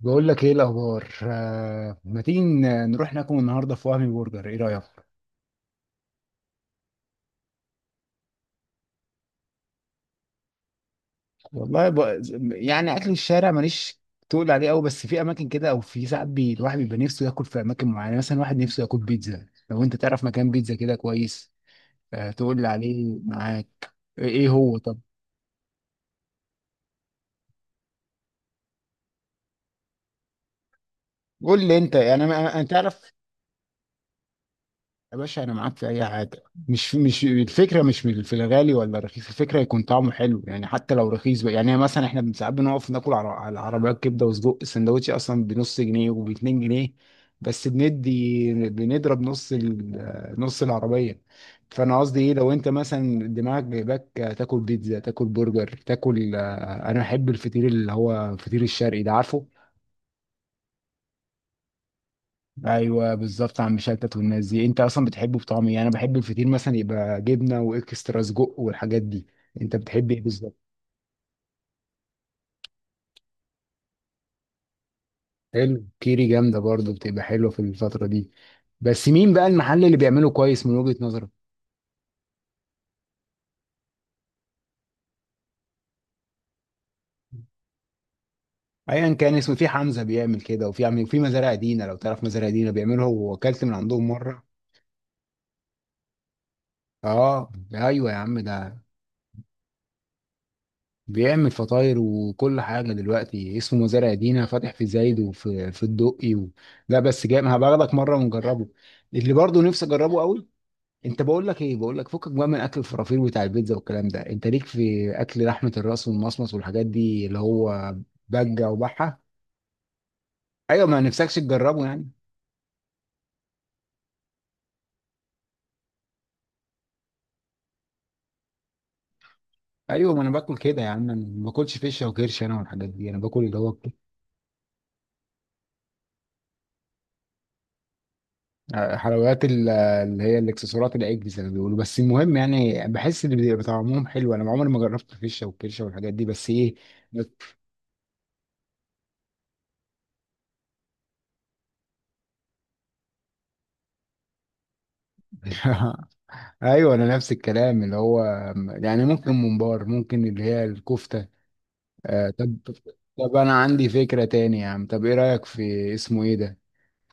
بقول لك ايه الاخبار ما تيجي نروح ناكل النهارده في وهمي برجر ايه رايك والله يعني اكل الشارع ماليش تقول عليه قوي، بس في اماكن كده او في ساعات الواحد بيبقى نفسه ياكل في اماكن معينه. يعني مثلا واحد نفسه ياكل بيتزا، لو انت تعرف مكان بيتزا كده كويس تقول لي عليه معاك. ايه هو طب؟ قول لي انت، يعني انا أنا تعرف يا باشا انا معاك في اي حاجه. مش الفكره، مش من- في الغالي ولا الرخيص، الفكره يكون طعمه حلو. يعني حتى لو رخيص بقى، يعني مثلا احنا ساعات بنقف ناكل على عربيات كبده وسجق، السندوتش اصلا بنص جنيه وب 2 جنيه. بس بندي بنضرب نص العربيه. فانا قصدي ايه، لو انت مثلا دماغك جايباك تاكل بيتزا، تاكل برجر، تاكل، انا بحب الفطير اللي هو الفطير الشرقي ده، عارفه؟ ايوه بالظبط، عم شلتت والناس دي. انت اصلا بتحبه بطعم ايه؟ انا بحب الفطير مثلا يبقى جبنه واكسترا سجق والحاجات دي. انت بتحب ايه بالظبط؟ حلو، كيري جامده برضو، بتبقى حلوه في الفتره دي. بس مين بقى المحل اللي بيعمله كويس من وجهه نظرك؟ ايا كان اسمه، في حمزه بيعمل كده، وفي عم، وفي مزارع دينا، لو تعرف مزارع دينا بيعمله هو، واكلت من عندهم مره. اه ايوه يا عم ده بيعمل فطاير وكل حاجة، دلوقتي اسمه مزارع دينا فاتح في زايد في الدقي لا بس جاي ما هبقى اخدك مرة ونجربه، اللي برضه نفسي اجربه قوي. انت بقول لك ايه، بقول لك فكك بقى من اكل الفرافير بتاع البيتزا والكلام ده، انت ليك في اكل لحمة الراس والمصمص والحاجات دي اللي هو بجة وبحة؟ ايوه ما نفسكش تجربه يعني؟ ايوه ما انا باكل كده يا عم، انا ما باكلش فيشه وكرش انا والحاجات دي، انا باكل اللي هو حلويات، اللي هي الاكسسوارات، العجل زي ما بيقولوا. بس المهم يعني بحس ان بيبقى طعمهم حلو، انا عمري ما جربت الفشه والكرشه والحاجات دي. بس ايه، بت- ايوه انا نفس الكلام. اللي هو يعني ممكن ممبار، ممكن اللي هي الكفته. طب، طب انا عندي فكره تاني يا عم. طب ايه رايك في اسمه ايه ده،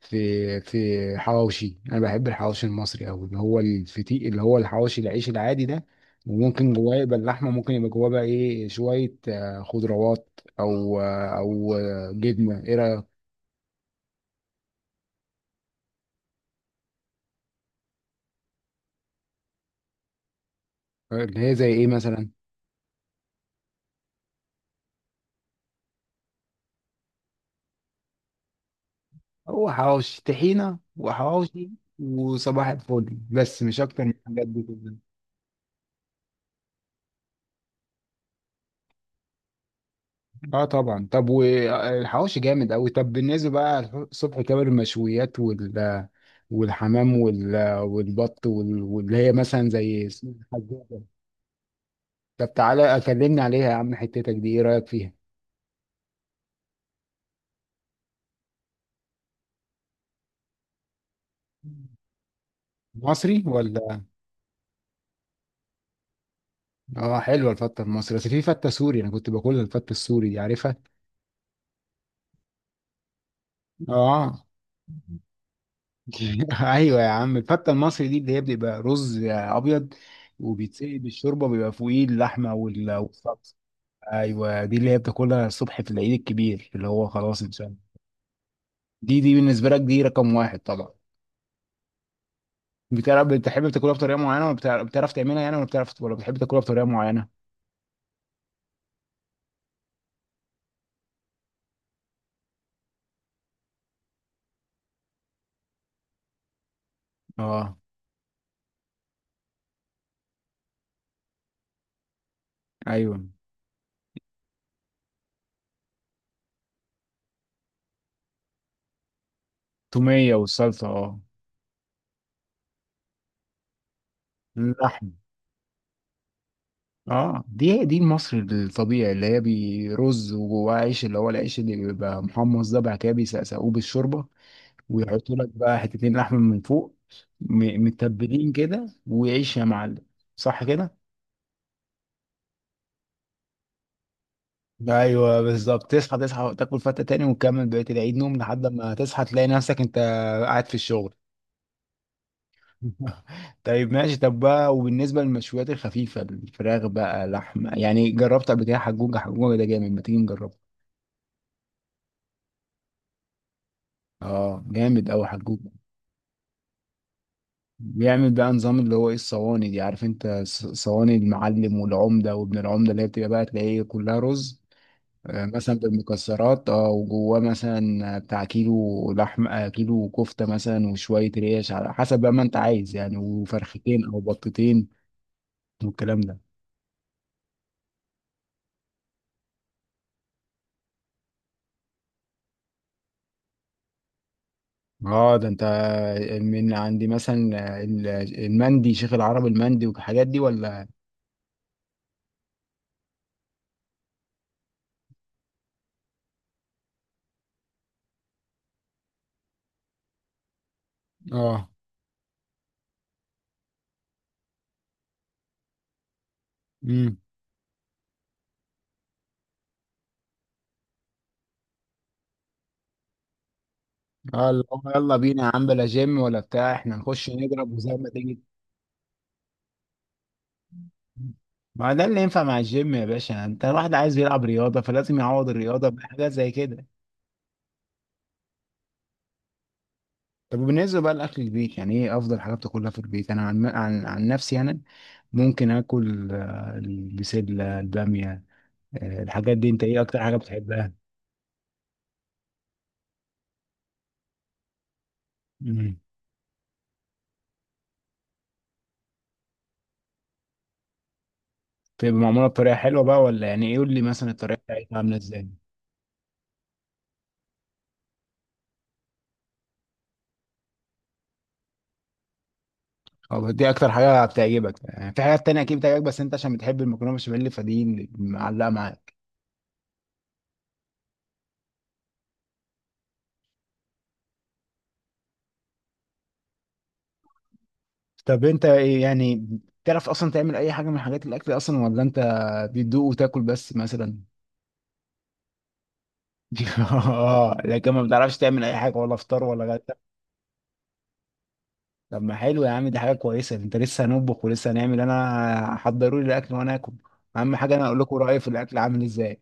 في حواوشي. انا بحب الحواوشي المصري قوي، اللي هو الفتيق، اللي هو الحواوشي العيش العادي ده. وممكن جواه يبقى اللحمه، ممكن يبقى جواه بقى ايه، شويه خضروات، او او جبنه. ايه رايك؟ اللي هي زي ايه مثلا؟ هو حواوشي طحينه، وحواوشي وصباح الفل، بس مش اكتر من الحاجات دي. اه طبعا، طب والحواوشي جامد قوي. طب بالنسبه بقى الصبح، كباب، المشويات، وال والحمام، والبط، واللي هي مثلا زي الحجوجة. طب تعالى اكلمني عليها يا عم، حتتك دي ايه رايك فيها؟ مصري ولا؟ اه حلوه الفته المصري، بس في فته سوري انا كنت باكلها، الفته السوري دي عارفها؟ اه ايوه يا عم، الفته المصري دي اللي هي بيبقى رز ابيض، وبيتسقي بالشوربه، بيبقى فوقيه اللحمه والصلصه. ايوه دي اللي هي بتاكلها الصبح في العيد الكبير، اللي هو خلاص انسان. دي بالنسبه لك دي رقم واحد طبعا. بتعرف بتحب تاكلها بطريقه معينه، ولا بتعرف، بتعرف تعملها يعني، ولا بتعرف، ولا بتحب تاكلها بطريقه معينه؟ اه، ايوه، توميه والصلصه اه. اللحم. اه دي المصري الطبيعي اللي هي برز وجواه عيش، اللي هو العيش اللي بيبقى محمص ده، بعد كده بيسقسقوه بالشوربه، ويحطوا لك بقى حتتين لحم من فوق، متبلين كده وعيش يا معلم. صح كده؟ ايوه بالظبط، تصحى، تصحى تاكل فتة تاني وتكمل بقية العيد نوم، لحد ما تصحى تلاقي نفسك انت قاعد في الشغل. طيب ماشي. طب بقى وبالنسبة للمشويات الخفيفة، الفراخ بقى، لحمة، يعني جربت قبل كده حجوجة؟ حجوجة ده جامد، ما تيجي نجربه. اه جامد أوي حجوجة. بيعمل بقى نظام اللي هو ايه، الصواني دي عارف انت، صواني المعلم والعمدة وابن العمدة، اللي هي بتبقى بقى تلاقيه كلها رز مثلا بالمكسرات، اه، وجواه مثلا بتاع كيلو لحمة، كيلو كفتة مثلا، وشوية ريش على حسب بقى ما انت عايز يعني، وفرختين او بطتين والكلام ده. اه ده انت، من عندي مثلا، المندي، شيخ العرب، المندي والحاجات دي ولا؟ اه، امم، اه اللي هو يلا بينا يا عم، بلا جيم ولا بتاع، احنا نخش نضرب وزي ما تيجي. ما ده اللي ينفع مع الجيم يا باشا، انت الواحد عايز يلعب رياضة فلازم يعوض الرياضة بحاجات زي كده. طب وبالنسبة بقى لأكل البيت، يعني إيه أفضل حاجة بتاكلها في البيت؟ أنا عن نفسي أنا ممكن آكل البسلة، البامية، الحاجات دي. أنت إيه أكتر حاجة بتحبها؟ مم. بتبقى معمولة بطريقة حلوة بقى، ولا يعني إيه؟ قول لي مثلا الطريقة بتاعتها عاملة إزاي؟ أو دي أكتر حاجة بتعجبك، يعني في حاجات تانية أكيد بتعجبك، بس أنت عشان بتحب المكرونة بشاميل فدي اللي معلقة معاك. طب أنت إيه يعني، بتعرف أصلا تعمل أي حاجة من حاجات الأكل أصلا، ولا أنت بتدوق وتاكل بس مثلا؟ اه، لكن ما بتعرفش تعمل اي حاجه، ولا فطار ولا غدا؟ طب ما حلو يا عم، دي حاجه كويسه. انت لسه هنطبخ ولسه هنعمل، انا حضروا لي الاكل وانا اكل، اهم حاجه انا اقول لكم رايي في الاكل عامل ازاي.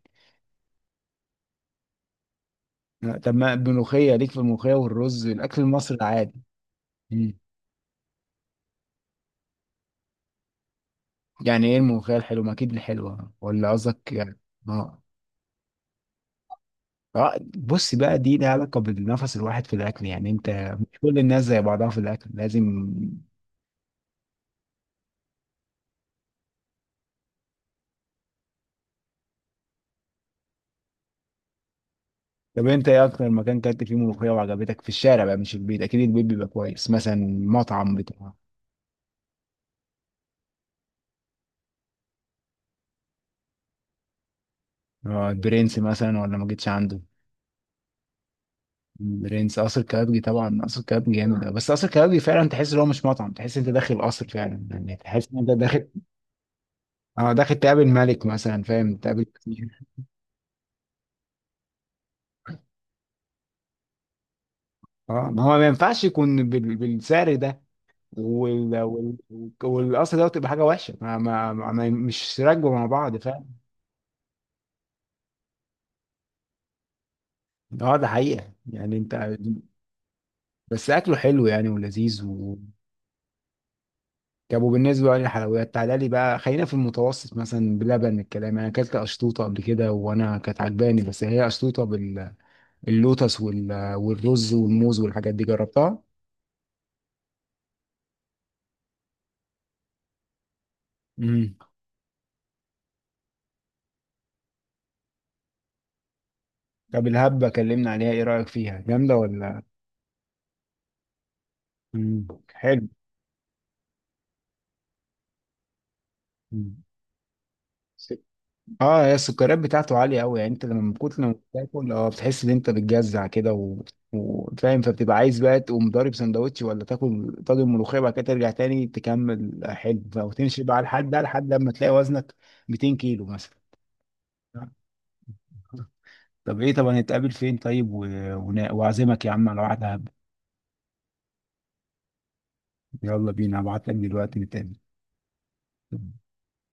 لا، طب ما الملوخيه، ليك في الملوخيه والرز، الاكل المصري العادي؟ مم. يعني ايه الملوخيه الحلوه؟ ما اكيد الحلوه، ولا قصدك يعني؟ اه، اه بص بقى، دي لها علاقه بالنفس، الواحد في الاكل يعني انت، مش كل الناس زي بعضها في الاكل، لازم. طب انت ايه اكتر مكان كلت فيه ملوخيه وعجبتك في الشارع بقى، مش البيت، اكيد البيت بيبقى كويس، مثلا مطعم بتاع؟ اه، البرنس مثلا ولا ما جيتش عنده؟ البرنس، قصر كبابجي طبعا، قصر كبابجي جامد أوي. بس قصر كبابجي فعلا تحس ان هو مش مطعم، تحس انت داخل قصر فعلا يعني، تحس ان انت داخل، اه داخل تقابل ملك مثلا، فاهم؟ تقابل كتير. اه، ما هو ما ينفعش يكون بالسعر ده وال... وال... والقصر ده، تبقى حاجه وحشه، ما... ما... ما... مش راكبه مع بعض، فاهم؟ اه ده حقيقة، يعني انت، بس اكله حلو يعني ولذيذ طب وبالنسبه بقى للحلويات، تعالى لي بقى، خلينا في المتوسط مثلا، بلبن، الكلام، انا اكلت اشطوطه قبل كده، وانا كانت عجباني، بس هي اشطوطه باللوتس والرز والموز والحاجات دي، جربتها؟ امم. طب الهبه، كلمنا عليها، ايه رايك فيها جامده ولا؟ امم، حلو. مم. اه هي السكريات بتاعته عالية أوي، يعني أنت لما من كتر ما بتاكل اه، بتحس إن أنت بتجزع كده وفاهم، فبتبقى عايز بقى تقوم ضارب سندوتش ولا تاكل طاجن ملوخية بعد كده، ترجع تاني تكمل حلو، وتمشي بقى لحد ده، لما تلاقي وزنك 200 كيلو مثلا. طب إيه، طب هنتقابل فين طيب وأعزمك يا عم على واحدة هب. يلا بينا، هبعت لك دلوقتي نتقابل.